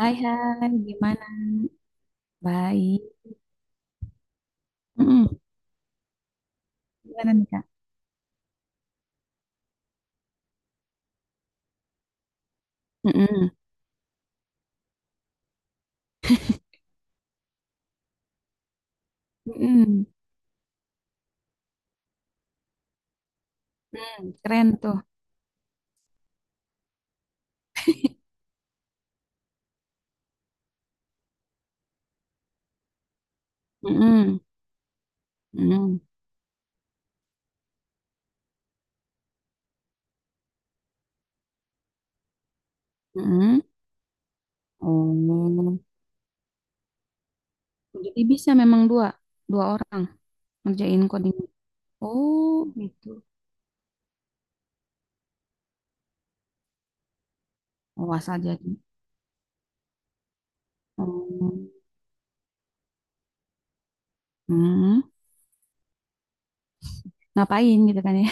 Hai, hai, gimana? Baik. Mm-mm. Gimana nih, Kak? Mm-mm, mm-mm. Mm, keren tuh. Mm-mm, mm-mm, mm-mm. Oh, jadi bisa memang dua, dua orang ngerjain coding. Oh, gitu. Oh, asal jadi. Oh, mm. Ngapain gitu kan ya?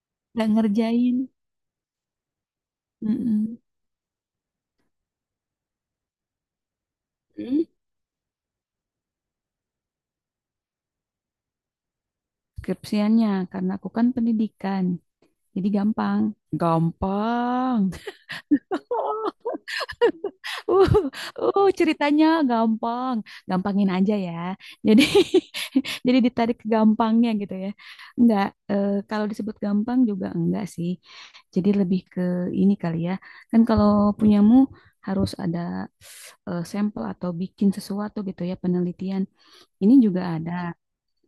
Nggak ngerjain. Mm-mm. Mm. Skripsiannya, karena aku kan pendidikan, jadi gampang. Gampang. Uh, ceritanya gampang, gampangin aja ya. Jadi jadi ditarik ke gampangnya gitu ya. Enggak kalau disebut gampang juga enggak sih. Jadi lebih ke ini kali ya. Kan kalau punyamu harus ada sampel atau bikin sesuatu gitu ya penelitian. Ini juga ada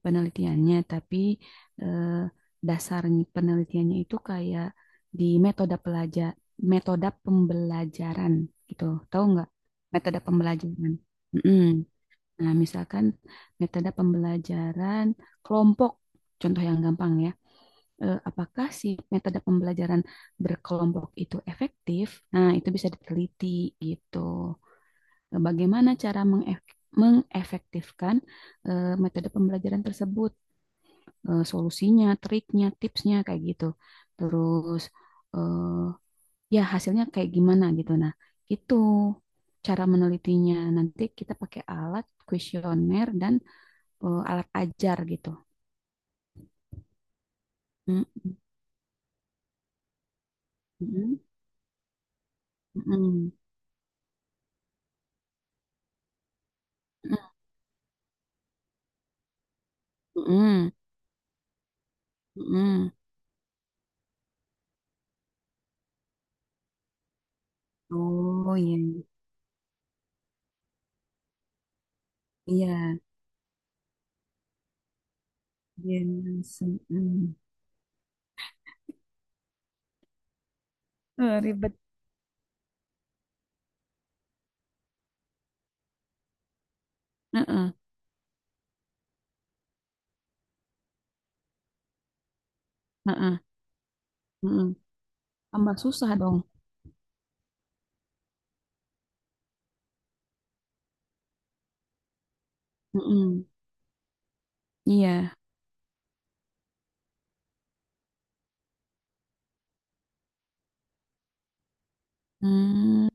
penelitiannya, tapi eh, dasarnya penelitiannya itu kayak di metode pembelajaran gitu. Tahu nggak? Metode pembelajaran. Mm-mm. Nah, misalkan metode pembelajaran kelompok, contoh yang gampang ya. Eh, apakah si metode pembelajaran berkelompok itu efektif? Nah, itu bisa diteliti gitu. Bagaimana cara mengefektifkan metode pembelajaran tersebut? Solusinya, triknya, tipsnya kayak gitu. Terus eh, ya hasilnya kayak gimana gitu. Nah, itu cara menelitinya. Nanti kita pakai alat kuesioner dan alat ajar gitu. Mm, mm, mm, mm, mm, mm. Oh iya, iya, iya, langsung. Mm. Eh, ribet. Heeh, heeh, heeh. Tambah susah dong. Heeh. Iya. Hmm,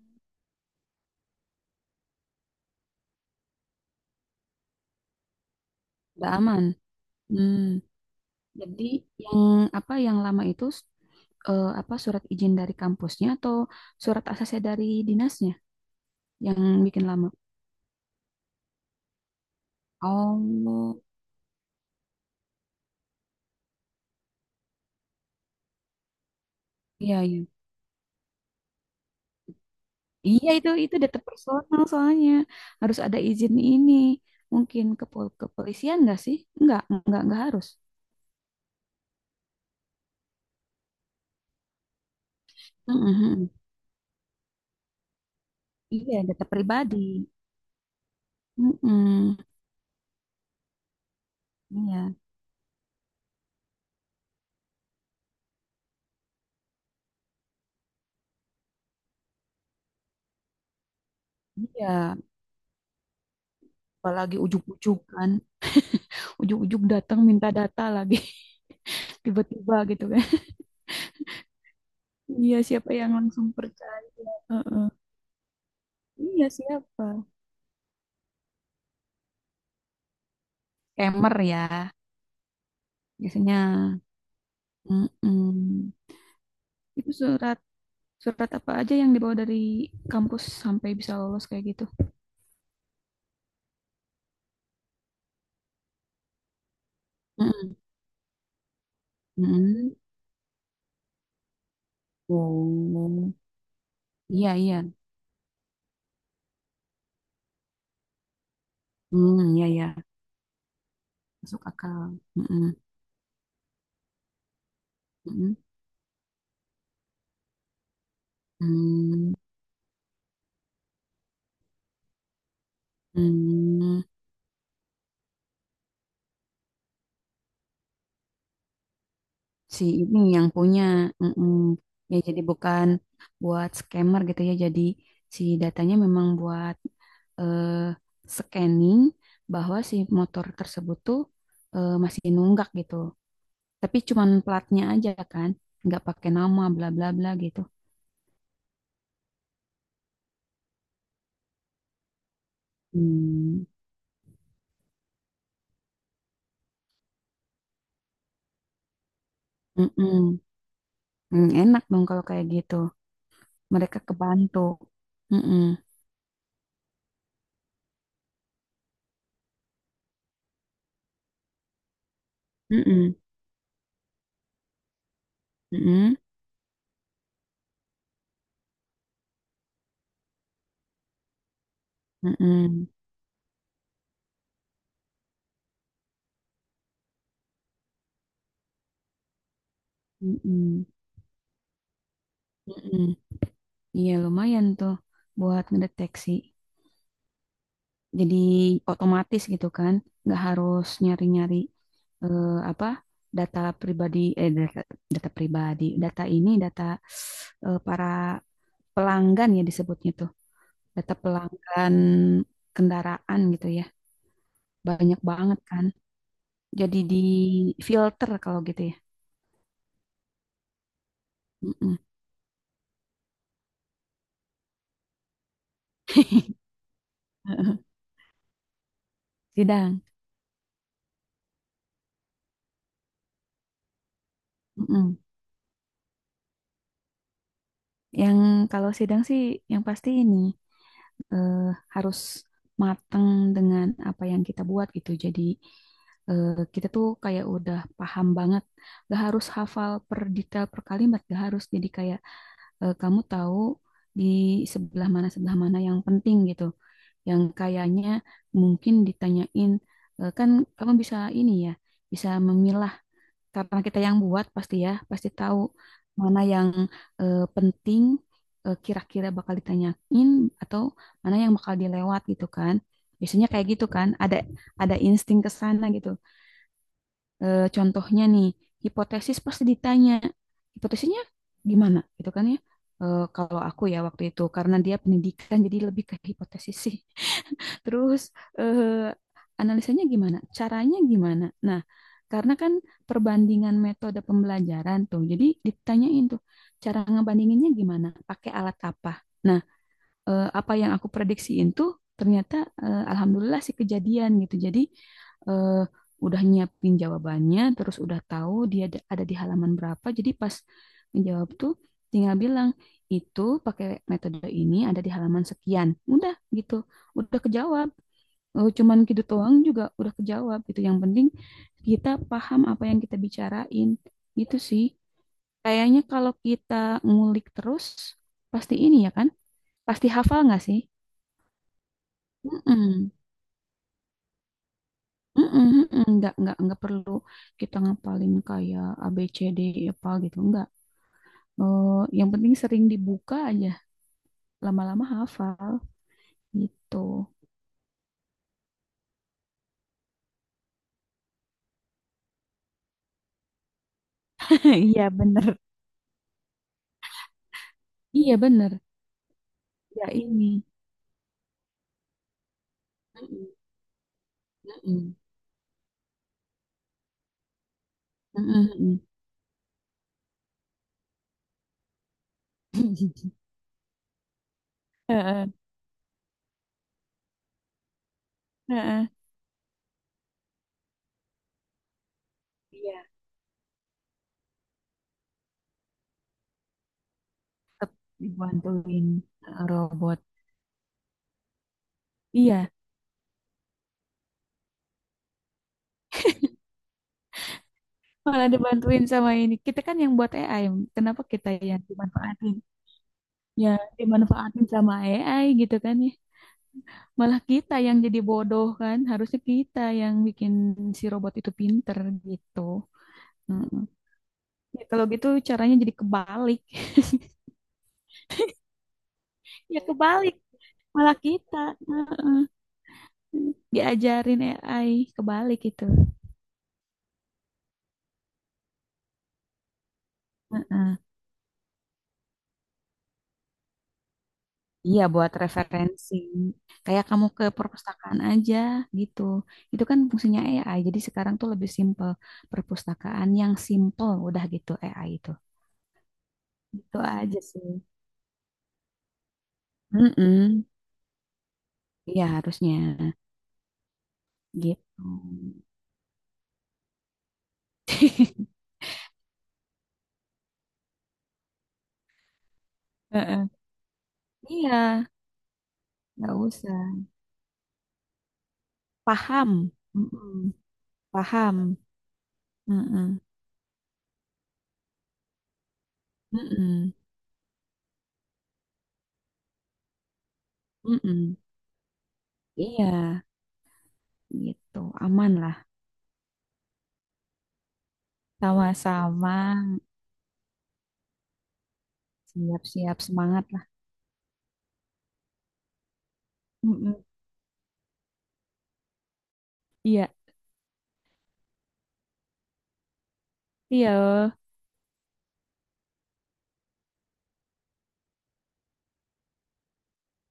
nggak aman. Hmm. Jadi yang apa yang lama itu apa surat izin dari kampusnya atau surat ACC dari dinasnya yang bikin lama? Oh, iya iya. Iya itu data personal soalnya harus ada izin ini. Mungkin ke kepolisian nggak sih? Nggak, nggak harus. Mm-mm. Iya, data pribadi. Mm-mm. Iya, iya. Apalagi ujuk-ujuk kan, ujuk-ujuk datang minta data lagi tiba-tiba gitu kan. Iya, siapa yang langsung percaya? Heeh. Iya, siapa? Scammer ya, biasanya. Mm-mm. Itu surat surat apa aja yang dibawa dari kampus sampai bisa lolos kayak gitu? Mm-mm. Mm-mm. Oh, iya iya. Hmm, iya iya. Masuk akal. Mm-mm. Mm-mm. Hmm. Hmm. Si ini yang punya, mm-mm. Ya jadi bukan buat scammer gitu ya, jadi si datanya memang buat eh, scanning bahwa si motor tersebut tuh masih nunggak gitu, tapi cuman platnya aja kan, nggak pakai nama bla bla bla gitu. Hmm, mm-mm. Hmm, enak dong kalau kayak gitu. Mereka kebantu. Mm-mm. Mm-mm. Mm-mm. Mm-mm. Mm-mm. Mm-mm. Iya lumayan tuh buat ngedeteksi. Jadi otomatis gitu kan, nggak harus nyari-nyari apa data pribadi, data pribadi, data para pelanggan ya disebutnya tuh, data pelanggan kendaraan gitu ya, banyak banget kan. Jadi di filter kalau gitu ya. Mm-mm. Sidang. Mm-mm. Yang kalau sidang sih yang pasti ini eh, harus matang dengan apa yang kita buat gitu. Jadi eh, kita tuh kayak udah paham banget. Gak harus hafal per detail per kalimat, gak harus. Jadi kayak kamu tahu di sebelah mana yang penting gitu. Yang kayaknya mungkin ditanyain kan kamu bisa ini ya, bisa memilah karena kita yang buat pasti ya pasti tahu mana yang penting, kira-kira bakal ditanyain atau mana yang bakal dilewat gitu kan. Biasanya kayak gitu kan, ada insting ke sana gitu. Eh, contohnya nih, hipotesis pasti ditanya hipotesisnya gimana gitu kan ya. Eh, kalau aku ya waktu itu karena dia pendidikan jadi lebih ke hipotesis sih. Terus eh, analisanya gimana? Caranya gimana? Nah, karena kan perbandingan metode pembelajaran tuh. Jadi ditanyain tuh, cara ngebandinginnya gimana? Pakai alat apa? Nah, apa yang aku prediksiin tuh ternyata alhamdulillah sih kejadian gitu. Jadi eh, udah nyiapin jawabannya, terus udah tahu dia ada di halaman berapa. Jadi pas menjawab tuh tinggal bilang itu pakai metode ini ada di halaman sekian. Udah gitu udah kejawab, cuman gitu doang juga udah kejawab gitu. Yang penting kita paham apa yang kita bicarain gitu sih. Kayaknya kalau kita ngulik terus pasti ini ya kan? Pasti hafal nggak sih? Mm-mm. Mm-mm, mm-mm. Nggak perlu kita ngapalin kayak A, B, C, D, E, apa gitu. Nggak. Eh, yang penting sering dibuka aja. Lama-lama hafal gitu. Iya bener. Iya bener. Ya ini. Mm-mm, mm-mm, mm-mm, mm-mm. Heeh, heeh. Iya. Tetap dibantuin, robot. Iya, malah dibantuin sama ini. Kita kan yang buat AI, kenapa kita yang dimanfaatin? Ya, dimanfaatin sama AI gitu kan ya. Malah kita yang jadi bodoh kan, harusnya kita yang bikin si robot itu pinter gitu. Mm. Ya, kalau gitu caranya jadi kebalik. Ya kebalik, malah kita, mm, diajarin AI kebalik gitu. Iya, buat referensi. Kayak kamu ke perpustakaan aja gitu. Itu kan fungsinya AI. Jadi sekarang tuh lebih simple. Perpustakaan yang simple udah gitu AI itu. Gitu aja sih. Mm-mm. Iya, harusnya gitu. Heeh. Iya, nggak usah. Paham. Mm-mm. Paham. Mm-mm. Mm-mm. Mm-mm. Iya, gitu. Aman lah. Sama-sama. Siap-siap semangat lah. Mm-mm. Iya, iya,